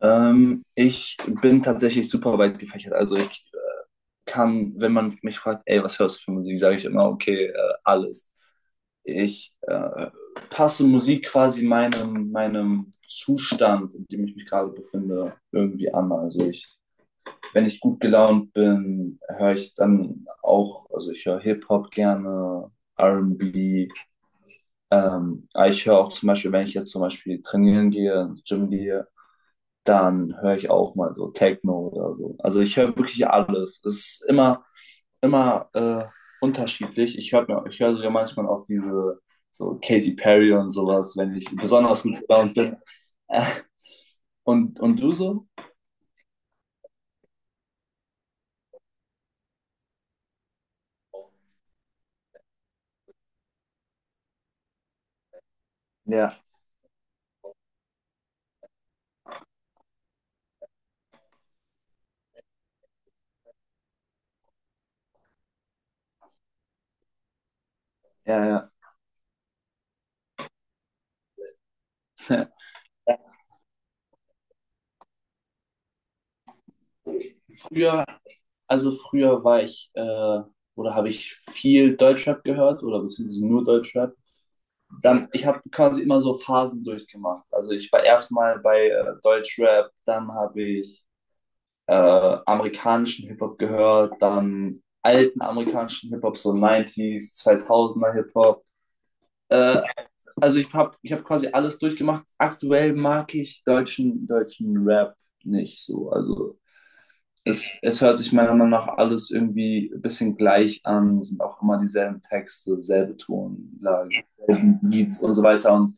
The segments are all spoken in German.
Ich bin tatsächlich super weit gefächert. Also ich kann, wenn man mich fragt, ey, was hörst du für Musik, sage ich immer, okay, alles. Ich passe Musik quasi meinem Zustand, in dem ich mich gerade befinde, irgendwie an. Wenn ich gut gelaunt bin, höre ich dann auch, also ich höre Hip-Hop gerne, R&B. Aber ich höre auch zum Beispiel, wenn ich jetzt zum Beispiel trainieren gehe, ins Gym gehe, dann höre ich auch mal so Techno oder so. Also ich höre wirklich alles. Es ist immer, unterschiedlich. Ich höre sogar manchmal auch diese so Katy Perry und sowas, wenn ich besonders gut gelaunt bin. Äh, und du so? Ja, ja, ja. Früher, also früher oder habe ich viel Deutschrap gehört oder beziehungsweise nur Deutschrap. Dann, ich habe quasi immer so Phasen durchgemacht. Also ich war erstmal bei Deutschrap, dann habe ich amerikanischen Hip-Hop gehört, dann alten amerikanischen Hip-Hop, so 90 zweitausender Hip-Hop. Äh, also ich hab quasi alles durchgemacht. Aktuell mag ich deutschen Rap nicht so. Also es hört sich meiner Meinung nach alles irgendwie ein bisschen gleich an, sind auch immer dieselben Texte, selbe Tonlage, selben Beats und so weiter. Und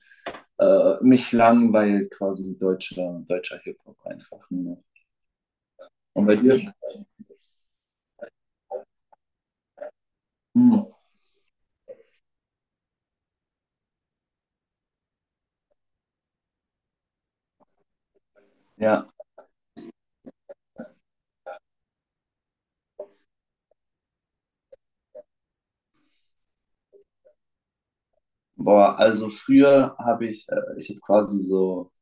äh, mich langweilt quasi deutscher Hip-Hop einfach nur. Und bei dir? Hm, ja. Boah, also früher ich habe quasi so,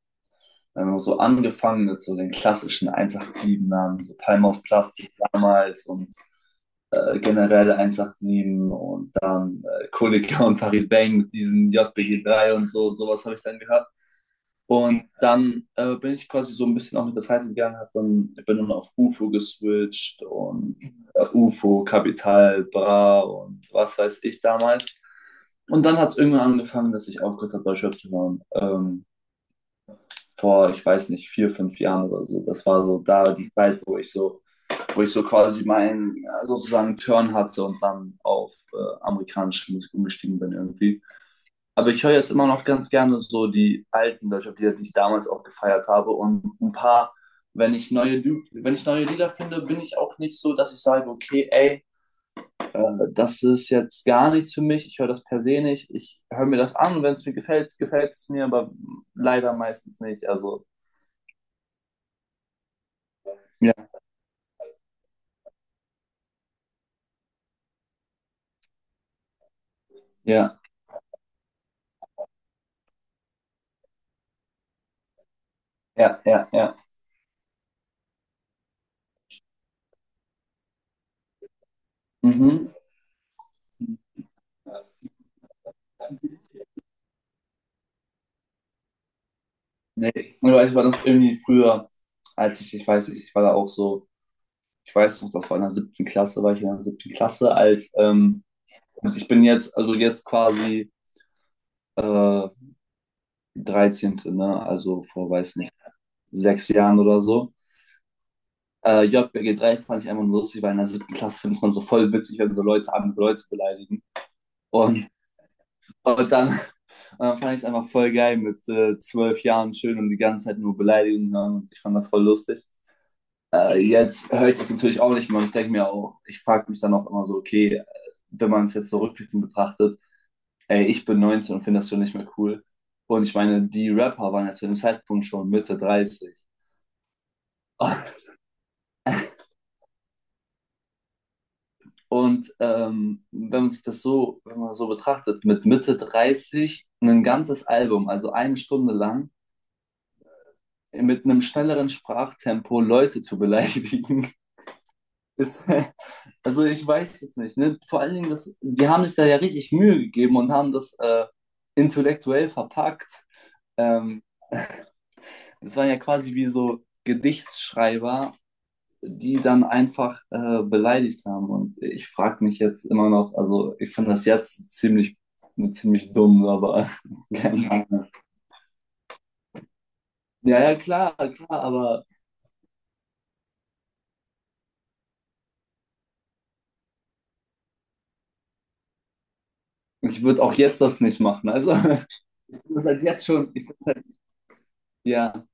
wenn man so angefangen mit so den klassischen 187-Namen, so Palm aus Plastik damals und generell 187 und dann Kollega und Farid Bang mit diesen JBG3 und so, sowas habe ich dann gehört. Und dann bin ich quasi so ein bisschen auch mit der Zeit gegangen, bin dann auf UFO geswitcht und UFO, Capital, Bra und was weiß ich damals. Und dann hat es irgendwann angefangen, dass ich aufgehört habe, bei Schöpf zu hören. Vor, ich weiß nicht, 4, 5 Jahren oder so. Das war so da die Zeit, wo ich so quasi meinen ja, sozusagen Turn hatte und dann auf amerikanische Musik umgestiegen bin irgendwie. Aber ich höre jetzt immer noch ganz gerne so die alten Deutschrap-Lieder, die ich damals auch gefeiert habe. Wenn ich wenn ich neue Lieder finde, bin ich auch nicht so, dass ich sage, okay, ey, das ist jetzt gar nichts für mich. Ich höre das per se nicht. Ich höre mir das an und wenn es mir gefällt, gefällt es mir, aber leider meistens nicht. Also, ja, ja, ja, ja, ja. Mhm. Nee, aber ich war das irgendwie früher, als ich weiß nicht, ich war da auch so, ich weiß noch, das war in der siebten Klasse, war ich in der siebten Klasse. Und ich bin jetzt, also jetzt quasi äh, 13. Ne? Also vor, weiß nicht, 6 Jahren oder so. JBG 3 fand ich einfach nur lustig, weil in der siebten Klasse findet man so voll witzig, wenn so Leute andere Leute beleidigen. Und, und dann, dann fand ich es einfach voll geil mit 12 Jahren schön und die ganze Zeit nur Beleidigungen hören und ich fand das voll lustig. Jetzt höre ich das natürlich auch nicht mehr und ich denke mir auch, ich frage mich dann auch immer so, okay, wenn man es jetzt so rückblickend betrachtet, ey, ich bin 19 und finde das schon nicht mehr cool. Und ich meine, die Rapper waren ja zu dem Zeitpunkt schon Mitte 30. Und wenn man sich das so, wenn man das so betrachtet, mit Mitte 30 ein ganzes Album, also eine Stunde lang, mit einem schnelleren Sprachtempo Leute zu beleidigen, ist, also ich weiß jetzt nicht, ne? Vor allen Dingen, die haben sich da ja richtig Mühe gegeben und haben das intellektuell verpackt. Ähm, Das waren ja quasi wie so Gedichtsschreiber, die dann einfach beleidigt haben. Und ich frage mich jetzt immer noch, also ich finde das jetzt ziemlich dumm, aber keine Ahnung. Ja, ja, klar, klar, aber ich würde auch jetzt das nicht machen. Also ich finde das halt jetzt schon, ich, ja,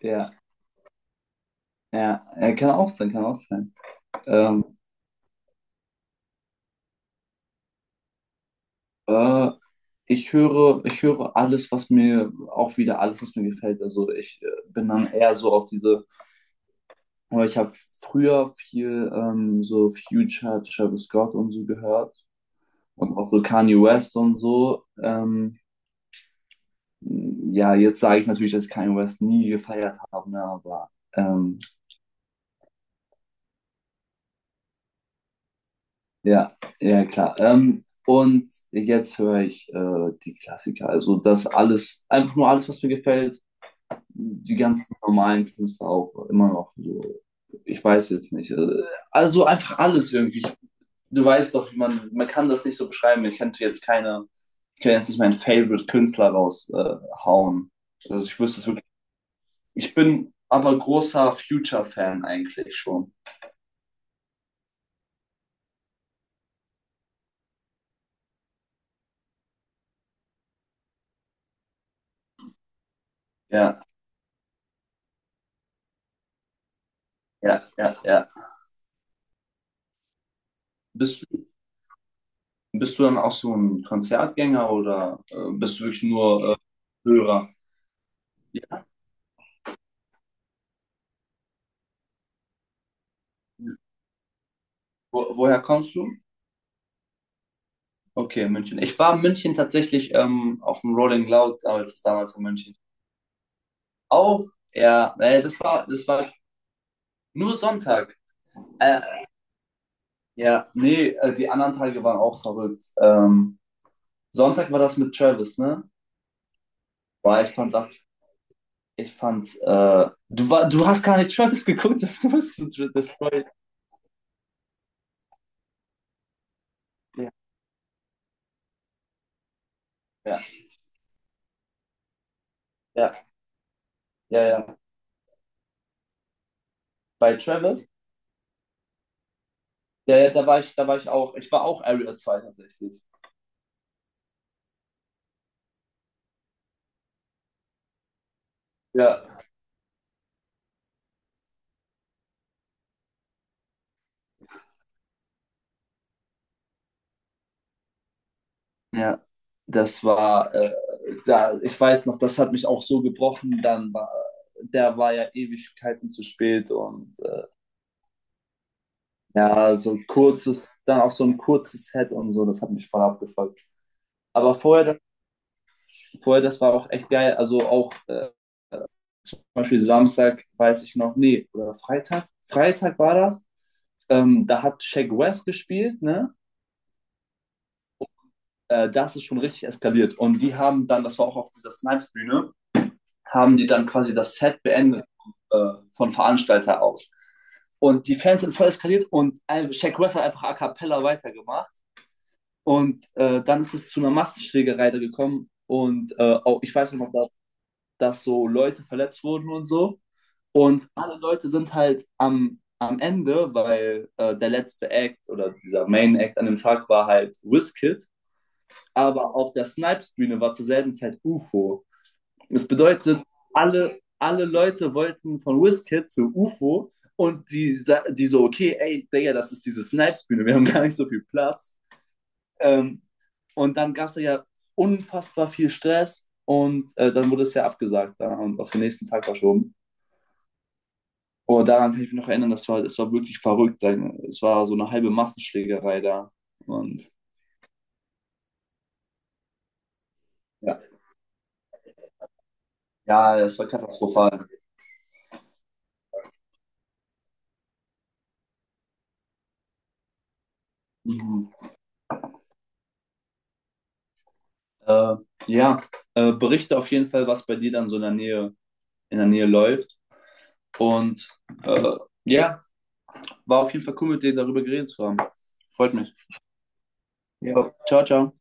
ja, ja, ja, kann auch sein, kann auch sein. Ähm, äh, ich höre alles, was mir auch wieder alles, was mir gefällt. Also ich bin dann eher so auf diese aber ich habe früher viel so Future, Travis Scott und so gehört und auch so Kanye West und so. Ja, jetzt sage ich natürlich, dass ich Kanye West nie gefeiert habe, ne, aber ja, ja klar. Und jetzt höre ich die Klassiker, also das alles, einfach nur alles, was mir gefällt, die ganzen normalen Künstler auch immer noch so. Ich weiß jetzt nicht. Also einfach alles irgendwie. Du weißt doch, man kann das nicht so beschreiben. Ich kann jetzt nicht meinen Favorite-Künstler raushauen. Also ich wüsste es wirklich. Ich bin aber großer Future-Fan eigentlich schon. Ja, ja, ja, ja. Bist, bist du dann auch so ein Konzertgänger oder bist du wirklich nur Hörer? Ja. Woher kommst du? Okay, München. Ich war in München tatsächlich auf dem Rolling Loud damals, in München. Auch, ja, das war nur Sonntag. Äh, Ja, nee, die anderen Tage waren auch verrückt. Sonntag war das mit Travis, ne? Boah, ich fand's, du hast gar nicht Travis geguckt. Du bist so destroyed. Ja, ja, ja, ja, ja. Bei Travis, ja, ja, da war ich auch, ich war auch Area 2 tatsächlich. Ja, ja. Das war, äh, Da, ich weiß noch, das hat mich auch so gebrochen, der war ja Ewigkeiten zu spät und, ja, so ein kurzes, dann auch so ein kurzes Head und so, das hat mich voll abgefuckt. Aber vorher, das war auch echt geil. Also auch zum Beispiel Samstag, weiß ich noch, nee, oder Freitag. Freitag war das. Da hat Shaq West gespielt, ne? Das ist schon richtig eskaliert. Und die haben dann, das war auch auf dieser Snipes-Bühne, haben die dann quasi das Set beendet von Veranstalter aus. Und die Fans sind voll eskaliert und Shaq West hat einfach a cappella weitergemacht. Und dann ist es zu einer Massenschlägerei da gekommen. Und auch, ich weiß noch, dass so Leute verletzt wurden und so. Und alle Leute sind halt am Ende, weil der letzte Act oder dieser Main Act an dem Tag war halt Wizkid. Aber auf der Snipes-Bühne war zur selben Zeit UFO. Das bedeutet, alle Leute wollten von Wizkid zu UFO. Und die so, okay, ey, Digga, das ist diese Snipes-Bühne, wir haben gar nicht so viel Platz. Ähm, und dann gab es ja unfassbar viel Stress und dann wurde es ja abgesagt, ja, und auf den nächsten Tag verschoben. Aber daran kann ich mich noch erinnern, das war wirklich verrückt. Es war so eine halbe Massenschlägerei da. Und ja, ja, das war katastrophal. Mhm. Äh, ja, berichte auf jeden Fall, was bei dir dann so in der Nähe läuft. Und äh, ja, war auf jeden Fall cool, mit dir darüber geredet zu haben. Freut mich. Ja. Ciao, ciao.